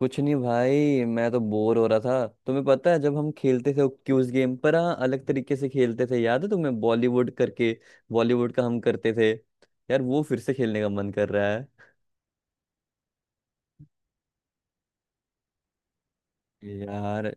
कुछ नहीं भाई। मैं तो बोर हो रहा था। तुम्हें पता है जब हम खेलते थे क्यूज गेम पर, हाँ, अलग तरीके से खेलते थे, याद है तुम्हें, बॉलीवुड करके। बॉलीवुड का हम करते थे। यार, वो फिर से खेलने का मन कर रहा है। यार,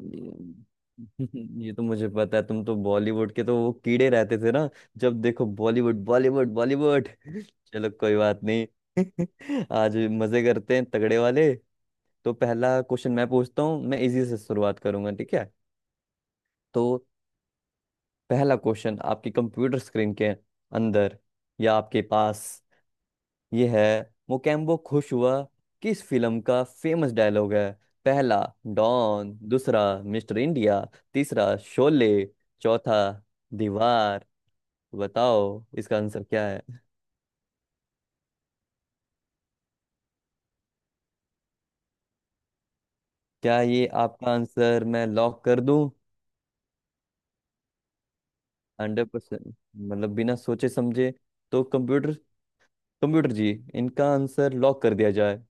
ये ये तो मुझे पता है, तुम तो बॉलीवुड के तो वो कीड़े रहते थे ना। जब देखो, बॉलीवुड बॉलीवुड बॉलीवुड। चलो कोई बात नहीं। आज मजे करते हैं तगड़े वाले। तो पहला क्वेश्चन मैं पूछता हूँ, मैं इजी से शुरुआत करूंगा, ठीक है। तो पहला क्वेश्चन, आपकी कंप्यूटर स्क्रीन के अंदर या आपके पास ये है। मोकेम्बो खुश हुआ किस फिल्म का फेमस डायलॉग है? पहला डॉन, दूसरा मिस्टर इंडिया, तीसरा शोले, चौथा दीवार। बताओ इसका आंसर क्या है। क्या ये आपका आंसर मैं लॉक कर दूं? 100%? मतलब बिना सोचे समझे। तो कंप्यूटर, जी, इनका आंसर लॉक कर दिया जाए।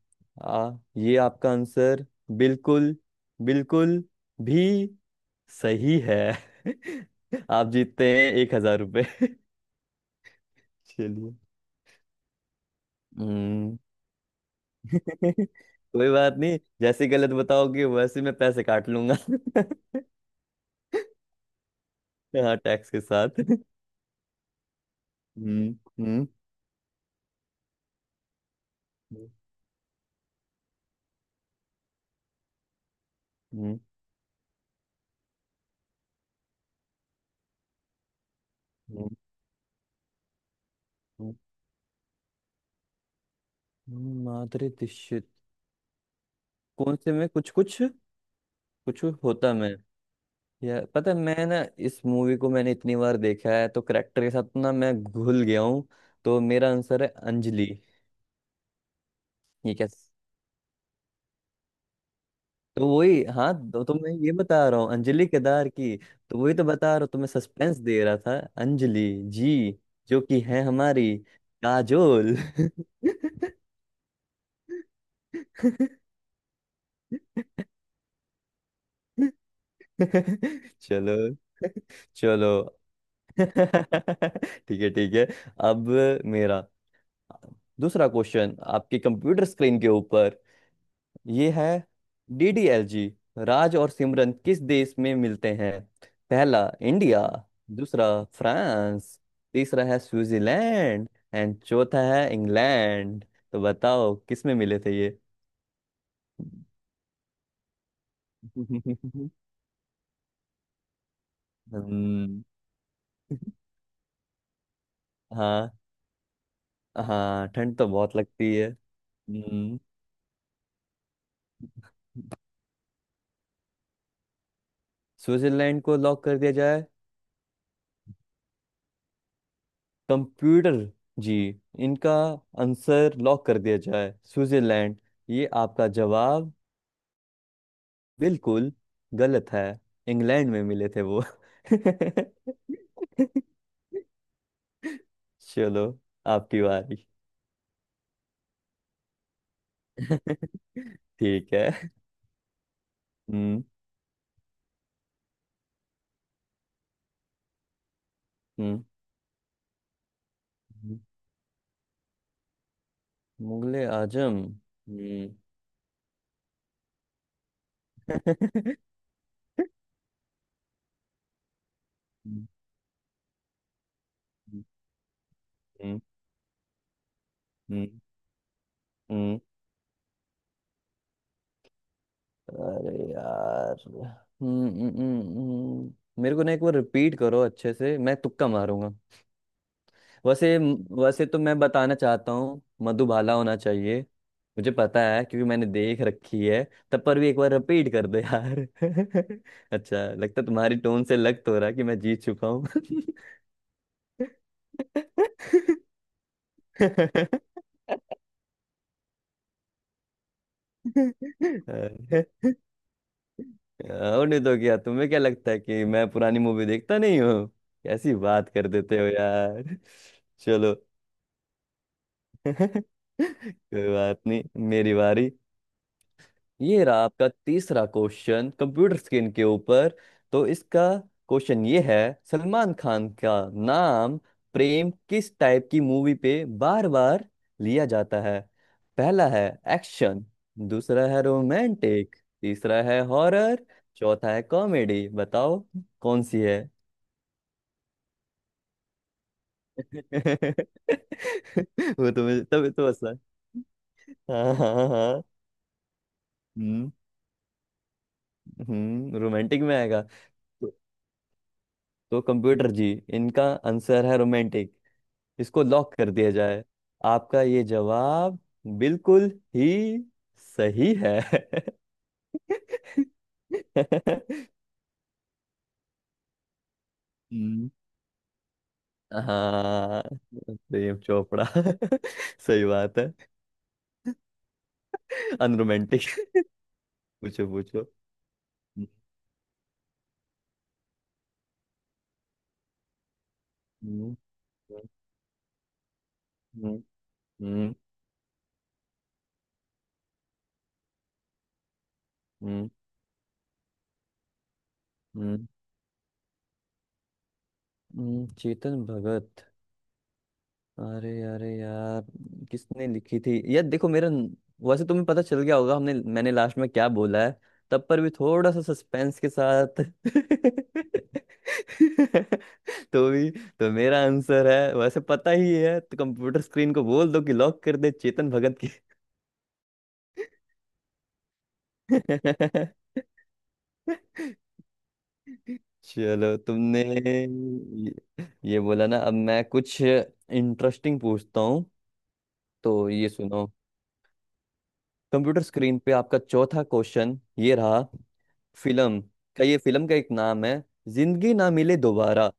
आ, ये आपका आंसर बिल्कुल, बिल्कुल भी सही है। आप जीतते हैं 1,000 रुपये। चलिए। हम्म। कोई बात नहीं, जैसे गलत बताओगे वैसे मैं पैसे काट लूंगा। हाँ, टैक्स के साथ। हम्म हम्म हम्म हम्म, हम्म, माधुरी दीक्षित। कौन से में कुछ कुछ? होता मैं। यार पता है, मैं ना, इस मूवी को मैंने इतनी बार देखा है तो करेक्टर के साथ ना मैं घुल गया हूँ। तो मेरा आंसर है अंजलि। ये क्या? तो वही, हाँ, तो मैं ये बता रहा हूँ, अंजलि केदार की। तो वही तो बता रहा हूँ, तो मैं सस्पेंस दे रहा था। अंजलि जी, जो कि है हमारी काजोल। चलो। चलो। ठीक है, ठीक है। अब मेरा दूसरा क्वेश्चन आपके कंप्यूटर स्क्रीन के ऊपर ये है। डीडीएलजी, राज और सिमरन किस देश में मिलते हैं? पहला इंडिया, दूसरा फ्रांस, तीसरा है स्विट्जरलैंड, एंड चौथा है इंग्लैंड। तो बताओ किस में मिले थे ये। हम्म। हाँ। हाँ, ठंड तो बहुत लगती है। हम्म, स्विट्जरलैंड को लॉक कर दिया जाए। कंप्यूटर जी, इनका आंसर लॉक कर दिया जाए, स्विट्जरलैंड। ये आपका जवाब बिल्कुल गलत है। इंग्लैंड में मिले थे वो। चलो, आपकी बारी। ठीक है। हम्म। हम्म हम्म, मुगले आजम। हम्म। हम्म, हम्म, हम्म, हम्म। अरे यार, मेरे को ना एक बार रिपीट करो अच्छे से, मैं तुक्का मारूंगा। वैसे वैसे तो मैं बताना चाहता हूँ मधुबाला होना चाहिए। मुझे पता है क्योंकि मैंने देख रखी है। तब पर भी एक बार रिपीट कर दो यार। अच्छा लगता है, तुम्हारी टोन से लग तो रहा है कि मैं जीत चुका हूँ। और नहीं तो क्या, तुम्हें क्या लगता है कि मैं पुरानी मूवी देखता नहीं हूँ? कैसी बात कर देते हो यार। चलो। कोई बात नहीं। मेरी बारी। ये रहा आपका तीसरा क्वेश्चन, कंप्यूटर स्क्रीन के ऊपर। तो इसका क्वेश्चन ये है, सलमान खान का नाम प्रेम किस टाइप की मूवी पे बार बार लिया जाता है? पहला है एक्शन, दूसरा है रोमांटिक, तीसरा है हॉरर, चौथा है कॉमेडी। बताओ कौन सी है। वो तुम्हें तभी तो आसान। हाँ हाँ हाँ हाँ। हम्म। हम्म, रोमांटिक में आएगा। तो कंप्यूटर जी, इनका आंसर है रोमांटिक। इसको लॉक कर दिया जाए। आपका ये जवाब बिल्कुल ही सही है। हम्म, हाँ, प्रेम चोपड़ा। सही बात है। अनरोमांटिक। पूछो पूछो। हम्म, हम्म, हम्म, हम्म, हम्म, हम्म, चेतन भगत। अरे, यार, किसने लिखी थी यार। देखो मेरा वैसे तुम्हें पता चल गया होगा, हमने मैंने लास्ट में क्या बोला है। तब पर भी थोड़ा सा सस्पेंस के साथ। तो भी, तो मेरा आंसर है, वैसे पता ही है, तो कंप्यूटर स्क्रीन को बोल दो कि लॉक कर दे चेतन भगत की। चलो, तुमने ये बोला ना, अब मैं कुछ इंटरेस्टिंग पूछता हूँ। तो ये सुनो। कंप्यूटर स्क्रीन पे आपका चौथा क्वेश्चन ये रहा। फिल्म का ये फिल्म का एक नाम है, जिंदगी ना मिले दोबारा।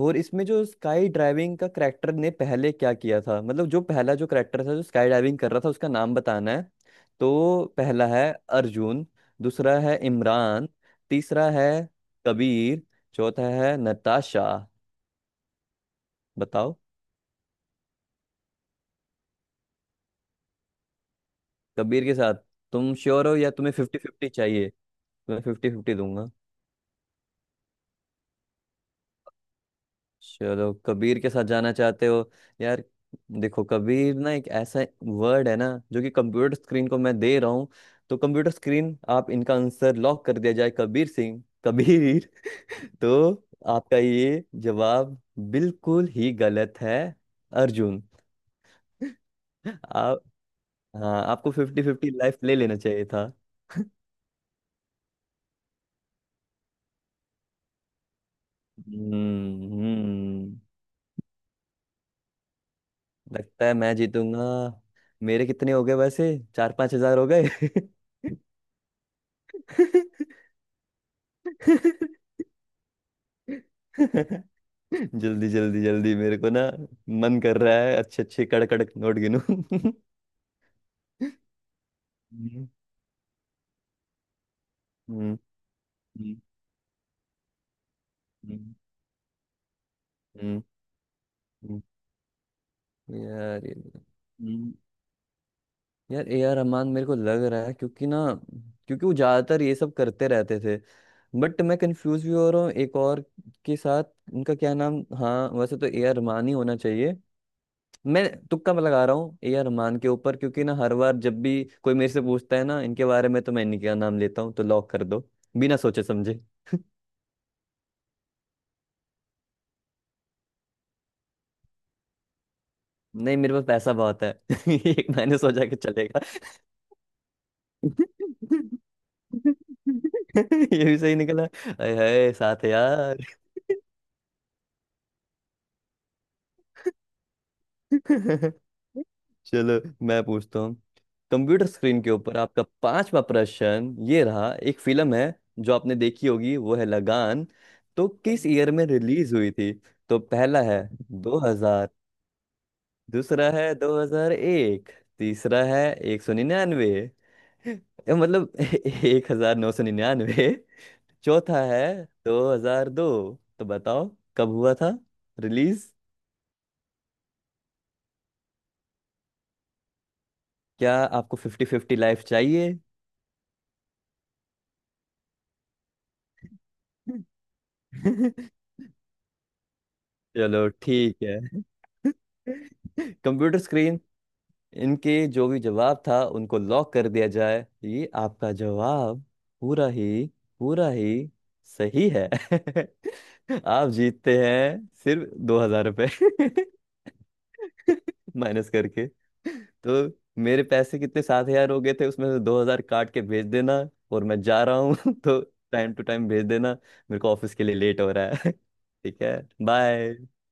और इसमें जो स्काई ड्राइविंग का करेक्टर ने पहले क्या किया था, मतलब जो पहला जो करेक्टर था जो स्काई ड्राइविंग कर रहा था उसका नाम बताना है। तो पहला है अर्जुन, दूसरा है इमरान, तीसरा है कबीर, चौथा है नताशा। बताओ। कबीर के साथ? तुम श्योर हो या तुम्हें 50-50 चाहिए? तुम्हें फिफ्टी फिफ्टी दूंगा। चलो, कबीर के साथ जाना चाहते हो। यार देखो, कबीर ना एक ऐसा वर्ड है ना जो कि कंप्यूटर स्क्रीन को मैं दे रहा हूँ। तो कंप्यूटर स्क्रीन, आप इनका आंसर लॉक कर दिया जाए, कबीर सिंह कबीर। तो आपका ये जवाब बिल्कुल ही गलत है। अर्जुन। आप, हाँ, आपको फिफ्टी फिफ्टी लाइफ ले लेना चाहिए था। हम्म हम्म, लगता है मैं जीतूंगा। मेरे कितने हो गए वैसे, 4-5 हजार हो गए? जल्दी जल्दी जल्दी, मेरे को ना मन कर रहा है अच्छे अच्छे कड़क कड़क नोट गिनूं। हम्म हम्म, हम्म, हम्म, हम्म। यार ये यार, A R रहमान मेरे को लग रहा है, क्योंकि ना, क्योंकि वो ज्यादातर ये सब करते रहते थे। बट मैं कंफ्यूज भी हो रहा हूँ एक और के साथ, उनका क्या नाम, हाँ, वैसे तो ए आर रहमान ही होना चाहिए। मैं तुक्का लगा रहा हूँ ए आर रहमान के ऊपर, क्योंकि ना हर बार जब भी कोई मेरे से पूछता है ना इनके बारे में तो मैं इन्हीं का नाम लेता हूँ, तो लॉक कर दो बिना सोचे समझे। नहीं, मेरे पास पैसा बहुत है। एक मैंने सोचा कि चलेगा। ये भी सही निकला। अरे हाय, साथ है यार। चलो मैं पूछता हूँ। कंप्यूटर स्क्रीन के ऊपर आपका पांचवा प्रश्न ये रहा। एक फिल्म है जो आपने देखी होगी, वो है लगान। तो किस ईयर में रिलीज हुई थी? तो पहला है 2000, दूसरा है 2001, तीसरा है 199, ये मतलब 1999, चौथा है 2002। तो बताओ कब हुआ था रिलीज। क्या आपको फिफ्टी फिफ्टी लाइफ चाहिए? चलो ठीक है। कंप्यूटर स्क्रीन, इनके जो भी जवाब था उनको लॉक कर दिया जाए। ये आपका जवाब पूरा ही, पूरा ही सही है। आप जीतते हैं सिर्फ 2,000 रुपये। माइनस करके। तो मेरे पैसे कितने, 7,000 हो गए थे, उसमें से 2,000 काट के भेज देना। और मैं जा रहा हूँ। तो टाइम टू टाइम भेज देना, मेरे को ऑफिस के लिए लेट हो रहा है। ठीक है। बाय।